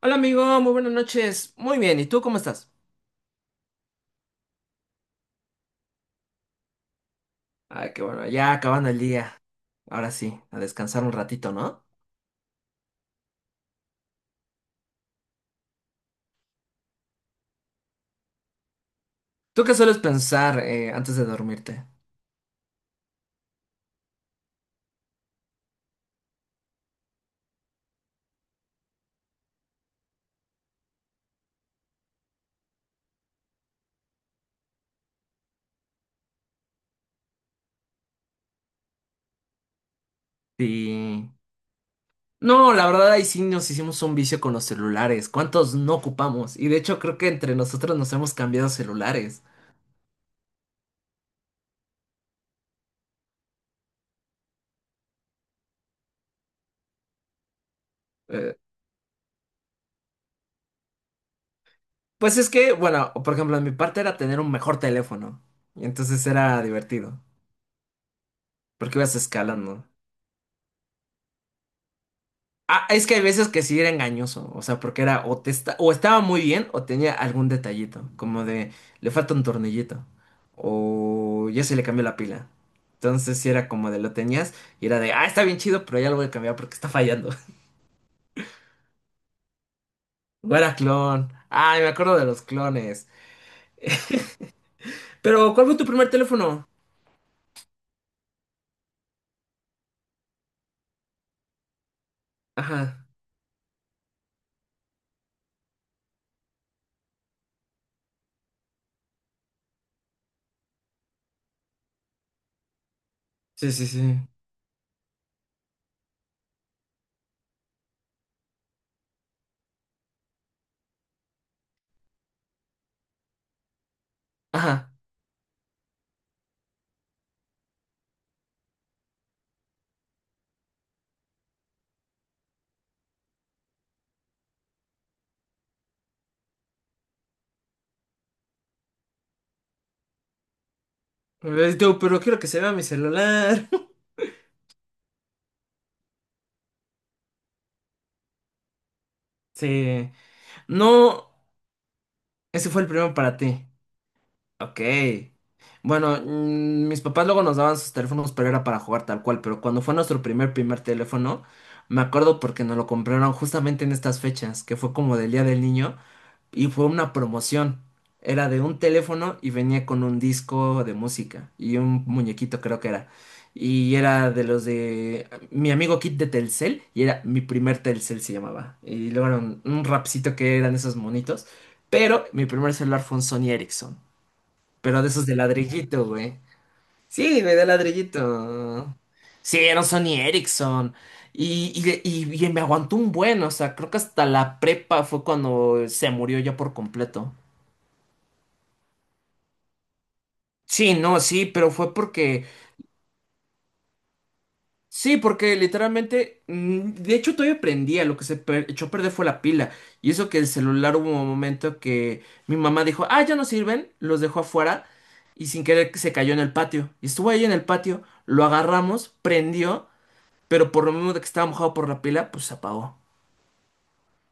Hola amigo, muy buenas noches. Muy bien, ¿y tú cómo estás? Ah, qué bueno, ya acabando el día. Ahora sí, a descansar un ratito, ¿no? ¿Tú qué sueles pensar antes de dormirte? Sí. No, la verdad ahí sí nos hicimos un vicio con los celulares. ¿Cuántos no ocupamos? Y de hecho creo que entre nosotros nos hemos cambiado celulares. Eh, pues es que, bueno, por ejemplo, en mi parte era tener un mejor teléfono. Y entonces era divertido, porque ibas escalando. Ah, es que hay veces que sí era engañoso, o sea, porque era o estaba muy bien o tenía algún detallito, como de le falta un tornillito o ya se le cambió la pila. Entonces sí era como de lo tenías y era de, ah, está bien chido, pero ya lo voy a cambiar porque está fallando. O era clon. Ay, me acuerdo de los clones. Pero, ¿cuál fue tu primer teléfono? Ajá. Sí, sí, sí. Ajá. Tú, pero quiero que se vea mi celular. Sí. No, ese fue el primero para ti. Ok. Bueno, mis papás luego nos daban sus teléfonos, pero era para jugar tal cual. Pero cuando fue nuestro primer teléfono, me acuerdo porque nos lo compraron justamente en estas fechas, que fue como del Día del Niño, y fue una promoción. Era de un teléfono y venía con un disco de música y un muñequito, creo que era. Y era de los de mi amigo Kit de Telcel, y era mi primer Telcel se llamaba. Y luego era un rapcito que eran esos monitos. Pero mi primer celular fue un Sony Ericsson. Pero de esos de ladrillito, güey. Sí, güey, de ladrillito. Sí, eran Sony Ericsson. Y, y, y me aguantó un buen, o sea, creo que hasta la prepa fue cuando se murió ya por completo. Sí, no, sí, pero fue porque. Sí, porque literalmente. De hecho, todavía prendía. Lo que echó a perder fue la pila. Y eso que el celular hubo un momento que mi mamá dijo: Ah, ya no sirven. Los dejó afuera. Y sin querer que se cayó en el patio. Y estuvo ahí en el patio. Lo agarramos, prendió. Pero por lo mismo de que estaba mojado por la pila, pues se apagó.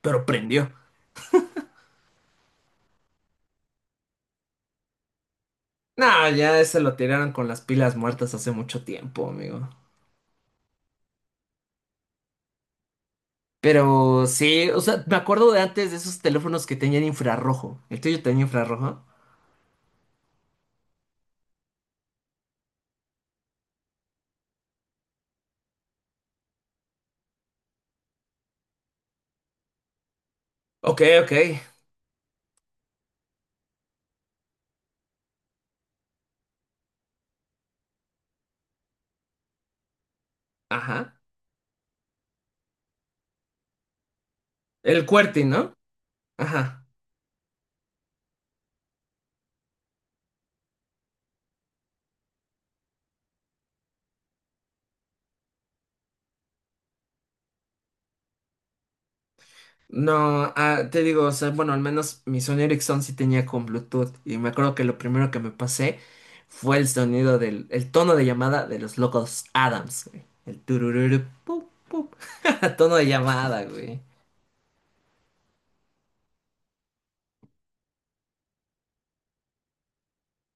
Pero prendió. No, ya ese lo tiraron con las pilas muertas hace mucho tiempo, amigo. Pero sí, o sea, me acuerdo de antes de esos teléfonos que tenían infrarrojo. ¿El tuyo tenía infrarrojo? Ok, ok. Ajá. El QWERTY, ¿no? Ajá. No, ah, Te digo, o sea, bueno, al menos mi Sony Ericsson sí tenía con Bluetooth y me acuerdo que lo primero que me pasé fue el sonido el tono de llamada de los locos Adams, güey. El turururu, pup, pup. Tono de llamada, güey.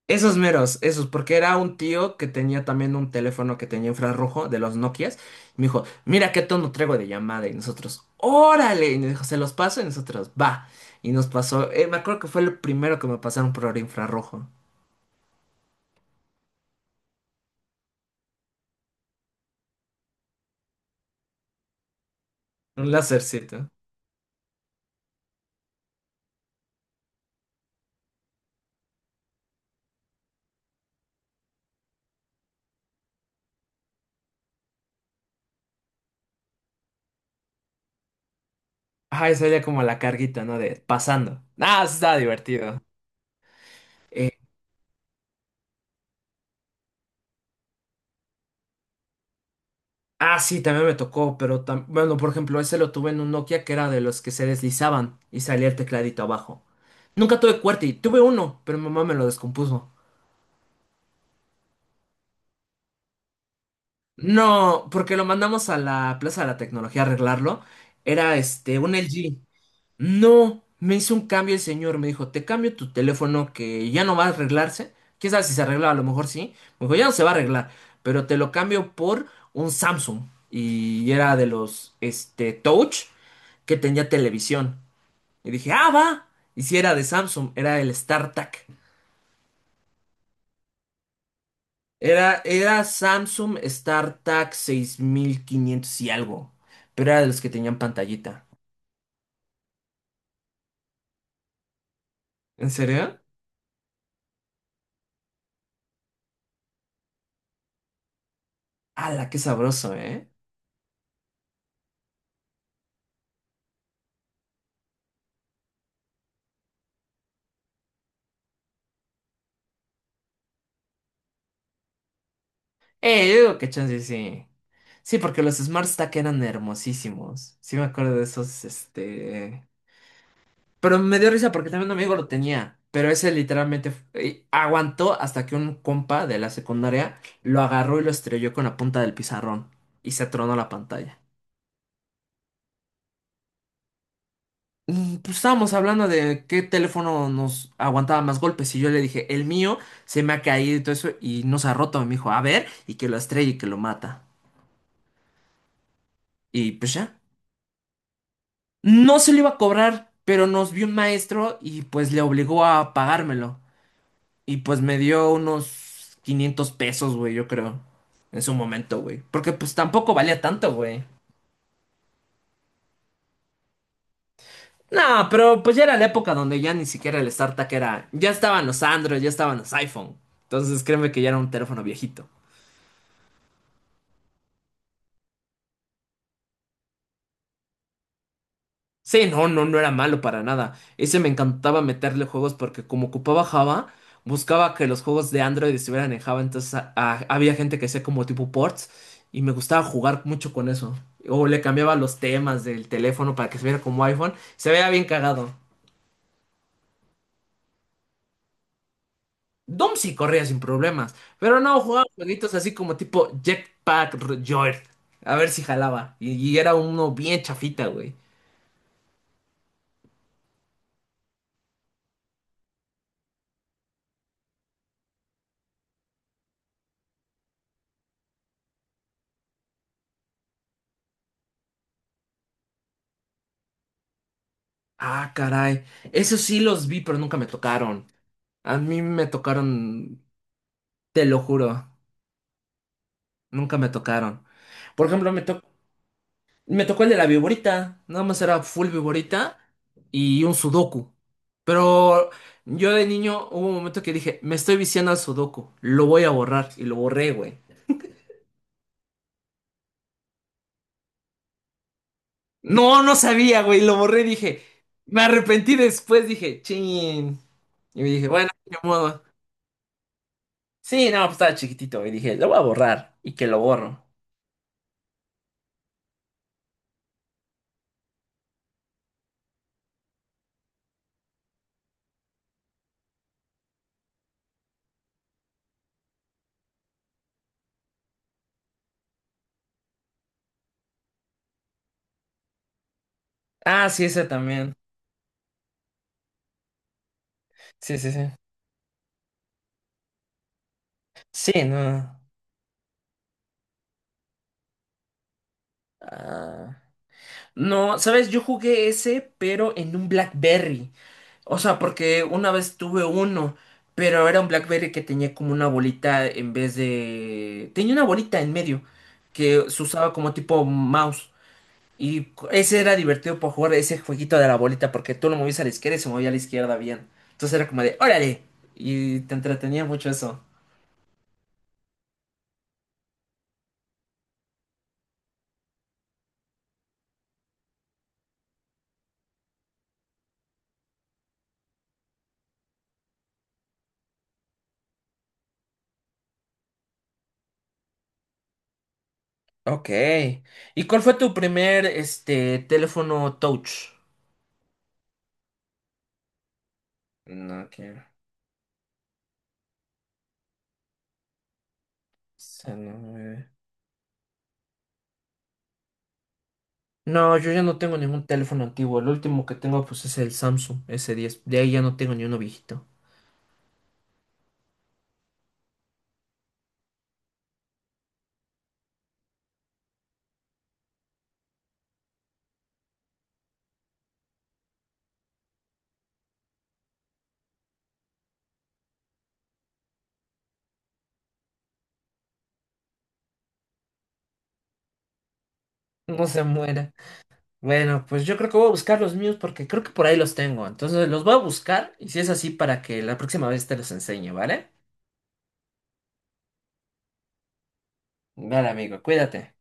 Esos meros, esos, porque era un tío que tenía también un teléfono que tenía infrarrojo de los Nokias. Y me dijo, mira qué tono traigo de llamada. Y nosotros, órale. Y nos dijo, se los paso. Y nosotros, va. Y nos pasó, me acuerdo que fue lo primero que me pasaron por infrarrojo. Un lásercito. Ajá, esa era como la carguita, ¿no? De pasando. Ah, sí estaba divertido. Eh, sí, también me tocó, bueno, por ejemplo, ese lo tuve en un Nokia que era de los que se deslizaban y salía el tecladito abajo. Nunca tuve QWERTY, tuve uno, pero mi mamá me lo descompuso. No, porque lo mandamos a la Plaza de la Tecnología a arreglarlo. Era este, un LG. No, me hizo un cambio el señor, me dijo, te cambio tu teléfono que ya no va a arreglarse. ¿Quién sabe si se arregla? A lo mejor sí. Me dijo, ya no se va a arreglar, pero te lo cambio por un Samsung. Y era de los, este, Touch que tenía televisión. Y dije, ah, va. Y si era de Samsung, era el StarTAC. Era, era Samsung StarTAC 6500 y algo. Pero era de los que tenían pantallita. ¿En serio? ¡Hala, qué sabroso, eh! Yo digo que chance sí. Sí, porque los Smart Stack eran hermosísimos. Sí me acuerdo de esos, este... Pero me dio risa porque también un amigo lo tenía. Pero ese literalmente aguantó hasta que un compa de la secundaria lo agarró y lo estrelló con la punta del pizarrón. Y se tronó la pantalla. Pues estábamos hablando de qué teléfono nos aguantaba más golpes. Y yo le dije, el mío se me ha caído y todo eso. Y nos ha roto. Y me dijo, a ver, y que lo estrelle y que lo mata. Y pues ya. No se lo iba a cobrar, pero nos vio un maestro y pues le obligó a pagármelo. Y pues me dio unos 500 pesos, güey, yo creo. En su momento, güey. Porque pues tampoco valía tanto, güey. No, pero pues ya era la época donde ya ni siquiera el StarTAC era... Ya estaban los Android, ya estaban los iPhone. Entonces créeme que ya era un teléfono viejito. Sí, no, no, no era malo para nada. Ese me encantaba meterle juegos porque como ocupaba Java, buscaba que los juegos de Android estuvieran en Java, entonces había gente que hacía como tipo ports y me gustaba jugar mucho con eso. O le cambiaba los temas del teléfono para que se viera como iPhone, se veía bien cagado. Doom sí corría sin problemas, pero no, jugaba jueguitos así como tipo Joyride, a ver si jalaba. Y era uno bien chafita, güey. Ah, caray. Esos sí los vi, pero nunca me tocaron. A mí me tocaron, te lo juro, nunca me tocaron. Por ejemplo, me tocó el de la viborita, nada más era full viborita y un sudoku. Pero yo de niño hubo un momento que dije, me estoy viciando al sudoku, lo voy a borrar y lo borré, güey. No, no sabía, güey, lo borré, dije, me arrepentí después, dije, chin. Y me dije, bueno, ni modo. Sí, no, pues estaba chiquitito y dije, lo voy a borrar y que lo borro. Ah, sí, ese también. Sí, sí, sí. Sí, no. Ah. No, sabes, yo jugué ese, pero en un BlackBerry. O sea, porque una vez tuve uno, pero era un BlackBerry que tenía como una bolita en vez de... Tenía una bolita en medio, que se usaba como tipo mouse. Y ese era divertido para jugar ese jueguito de la bolita, porque tú lo movías a la izquierda y se movía a la izquierda bien. Entonces era como de, órale. Y te entretenía mucho eso. Ok. ¿Y cuál fue tu primer, este, teléfono touch? No, que... se no, eh. No, yo ya no tengo ningún teléfono antiguo. El último que tengo pues es el Samsung S10. De ahí ya no tengo ni uno viejito. No se muera. Bueno, pues yo creo que voy a buscar los míos porque creo que por ahí los tengo. Entonces los voy a buscar y si es así para que la próxima vez te los enseñe, ¿vale? Vale, amigo, cuídate.